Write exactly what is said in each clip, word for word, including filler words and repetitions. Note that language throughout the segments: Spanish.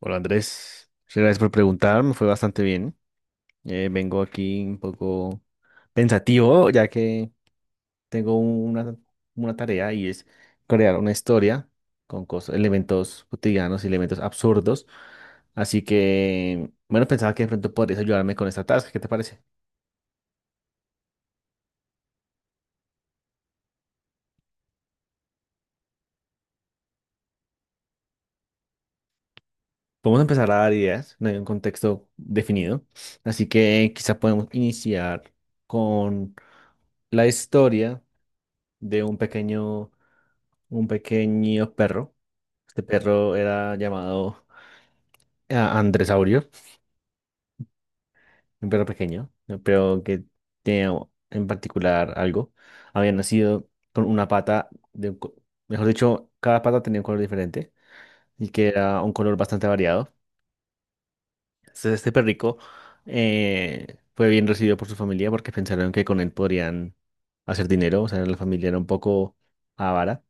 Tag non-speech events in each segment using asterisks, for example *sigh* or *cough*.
Hola Andrés, muchas gracias por preguntar, me fue bastante bien. Eh, vengo aquí un poco pensativo, ya que tengo una, una tarea, y es crear una historia con cosas, elementos cotidianos y elementos absurdos. Así que, bueno, pensaba que de pronto podrías ayudarme con esta tarea. ¿Qué te parece? Podemos empezar a dar ideas, no hay un contexto definido, así que quizá podemos iniciar con la historia de un pequeño, un pequeño perro. Este perro era llamado eh, Andresaurio, un perro pequeño, ¿no? Pero que tenía en particular algo. Había nacido con una pata, de, un co- mejor dicho, cada pata tenía un color diferente, y que era un color bastante variado. Entonces, este perrico eh, fue bien recibido por su familia porque pensaron que con él podrían hacer dinero. O sea, la familia era un poco avara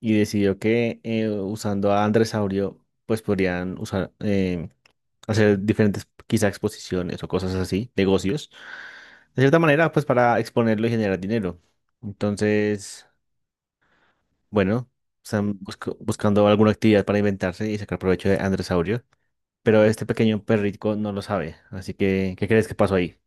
y decidió que, eh, usando a Andresaurio, pues podrían usar... eh, hacer diferentes quizá exposiciones o cosas así, negocios, de cierta manera, pues para exponerlo y generar dinero. Entonces, bueno, están busco- buscando alguna actividad para inventarse y sacar provecho de Androsaurio, pero este pequeño perrico no lo sabe. Así que, ¿qué crees que pasó ahí?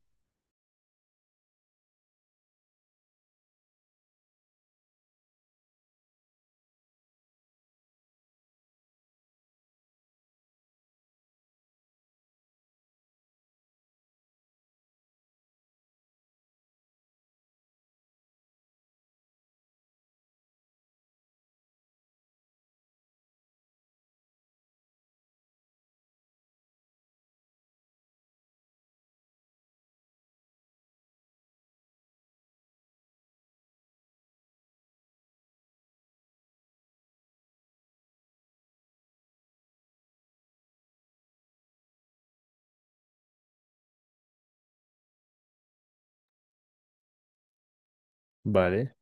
Vale,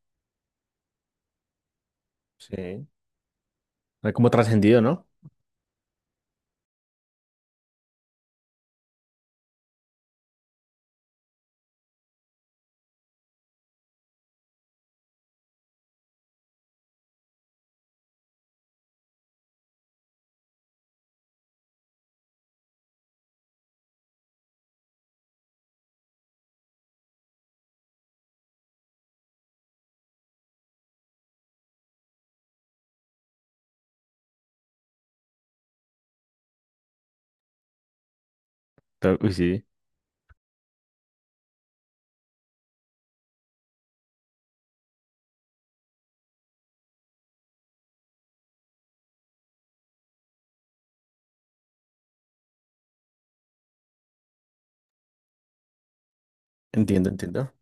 sí. Hay como trascendido, ¿no? ¡Pero! Uy, sí, entiendo, entiendo.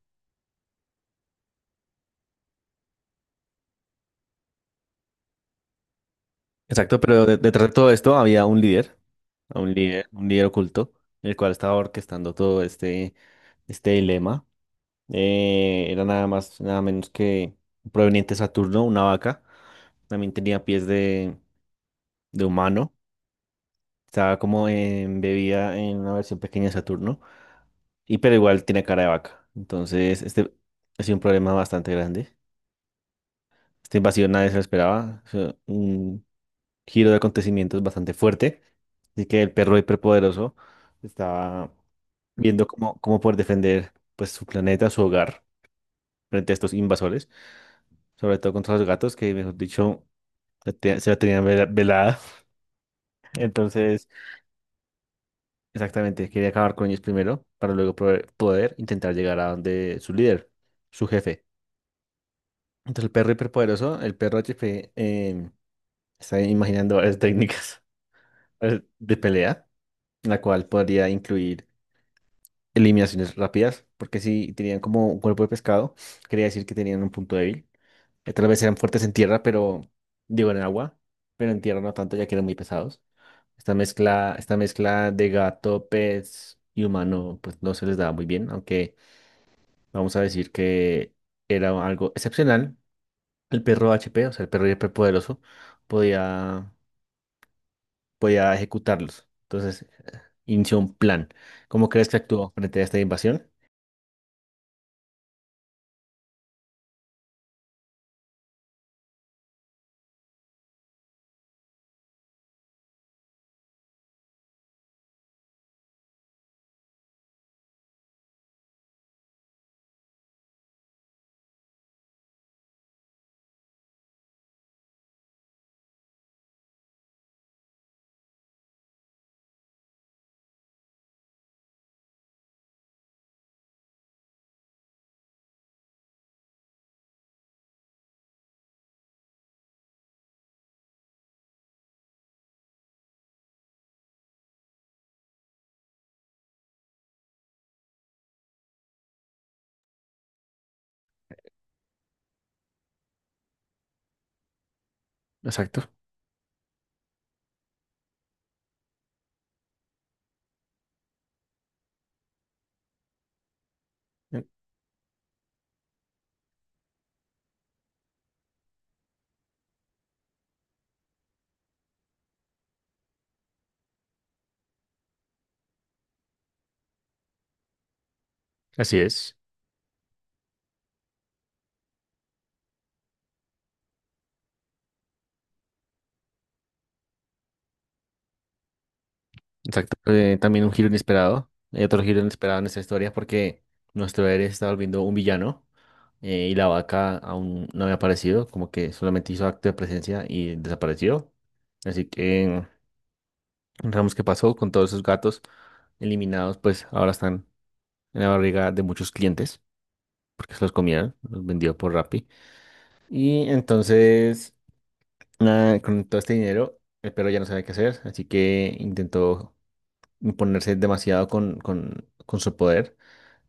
Exacto, pero de- detrás de todo esto había un líder, un líder, un líder oculto, el cual estaba orquestando todo este, este dilema. Eh, era nada más, nada menos que proveniente de Saturno, una vaca. También tenía pies de, de humano. Estaba como embebida en una versión pequeña de Saturno. Y pero igual tiene cara de vaca. Entonces, este ha sido un problema bastante grande. Esta invasión nadie se lo esperaba. Fue un giro de acontecimientos bastante fuerte. Así que el perro hiperpoderoso estaba viendo cómo, cómo poder defender pues, su planeta, su hogar, frente a estos invasores. Sobre todo contra los gatos, que mejor dicho la te- se la tenían vela- velada. Entonces, exactamente, quería acabar con ellos primero para luego poder, poder intentar llegar a donde su líder, su jefe. Entonces, el perro hiperpoderoso, el perro H P, em, está imaginando varias técnicas *laughs* de pelea, la cual podría incluir eliminaciones rápidas, porque si tenían como un cuerpo de pescado, quería decir que tenían un punto débil. Eh, Tal vez eran fuertes en tierra, pero digo en agua, pero en tierra no tanto, ya que eran muy pesados. Esta mezcla, esta mezcla de gato, pez y humano, pues no se les daba muy bien, aunque vamos a decir que era algo excepcional. El perro H P, o sea, el perro hiperpoderoso, podía, podía ejecutarlos. Entonces, eh, inició un plan. ¿Cómo crees que actuó frente a esta invasión? Exacto. Así es. Exacto. Eh, también un giro inesperado. Hay otro giro inesperado en esta historia porque nuestro héroe se está volviendo un villano, eh, y la vaca aún no había aparecido, como que solamente hizo acto de presencia y desapareció. Así que digamos qué pasó con todos esos gatos eliminados. Pues ahora están en la barriga de muchos clientes porque se los comieron, los vendió por Rappi. Y entonces, nada, con todo este dinero, el perro ya no sabía qué hacer, así que intentó imponerse demasiado con, con, con su poder.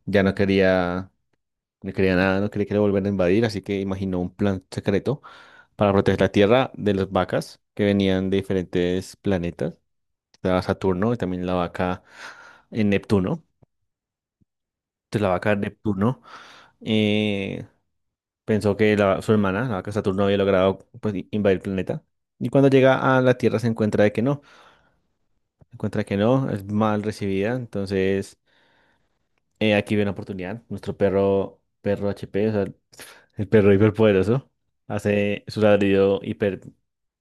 Ya no quería, no quería nada, no quería que lo volvieran a invadir, así que imaginó un plan secreto para proteger la Tierra de las vacas que venían de diferentes planetas. Estaba Saturno y también la vaca en Neptuno. Entonces la vaca de Neptuno, eh, pensó que la- su hermana, la vaca Saturno, había logrado pues, i- invadir el planeta. Y cuando llega a la Tierra se encuentra de que no, se encuentra que no, es mal recibida. Entonces, Eh, aquí ve una oportunidad. Nuestro perro, perro H P, o sea, el perro hiperpoderoso, hace su ladrido hiper,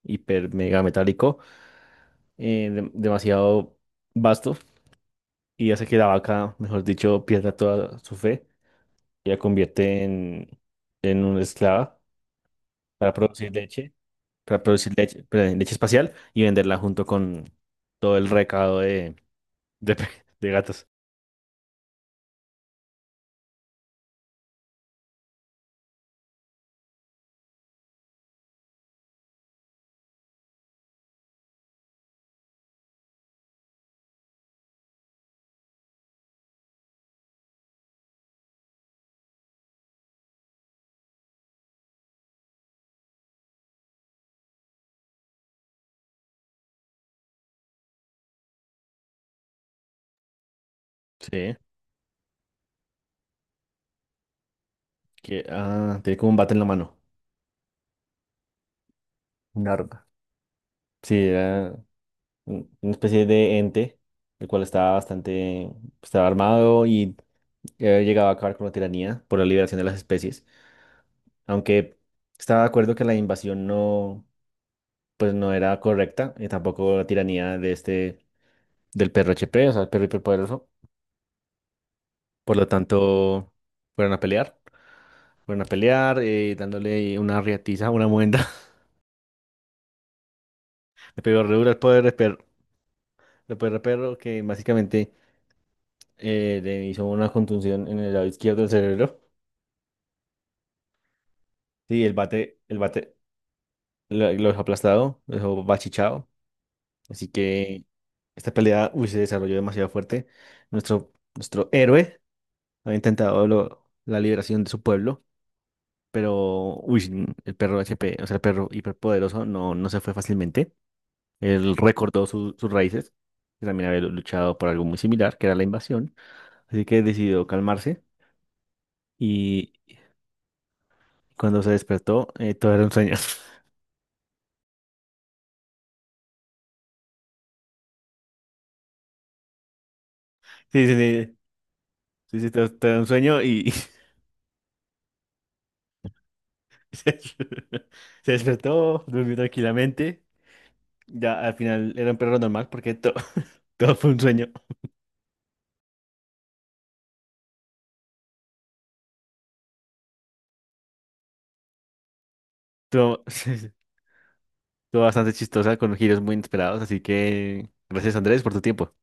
hiper mega metálico, eh, dem- demasiado vasto, y hace que la vaca, mejor dicho, pierda toda su fe y la convierte en, en una esclava para producir leche, para producir leche, perdón, leche espacial, y venderla junto con todo el recado de, de, *laughs* pe- de gatos. Sí, que ah, tiene como un bate en la mano. Un arma. Sí, era un- una especie de ente, el cual estaba bastante, estaba armado, y eh, llegaba a acabar con la tiranía por la liberación de las especies, aunque estaba de acuerdo que la invasión no, pues no era correcta, y tampoco la tiranía de este, del perro H P, o sea, el perro hiperpoderoso. Por lo tanto, fueron a pelear. Fueron a pelear, eh, dándole una riatiza, una muenda. *laughs* Le pegó re duro al poder de perro, al poder de perro, que básicamente eh, le hizo una contusión en el lado izquierdo del cerebro. Sí, el bate, el bate lo, lo dejó aplastado, lo dejó bachichao. Así que esta pelea, uy, se desarrolló demasiado fuerte. Nuestro, nuestro héroe había intentado lo- la liberación de su pueblo, pero uy, el perro H P, o sea, el perro hiperpoderoso, no, no se fue fácilmente. Él recordó su- sus raíces, que también había luchado por algo muy similar, que era la invasión. Así que decidió calmarse, y cuando se despertó, eh, todo era un sueño. *laughs* Sí, sí, sí. Sí, sí, todo, todo era un sueño. Y *laughs* se despertó, durmió tranquilamente. Ya al final era un perro normal porque to- *laughs* todo fue un sueño. Todo, *laughs* todo bastante chistosa, con giros muy inesperados. Así que gracias, Andrés, por tu tiempo.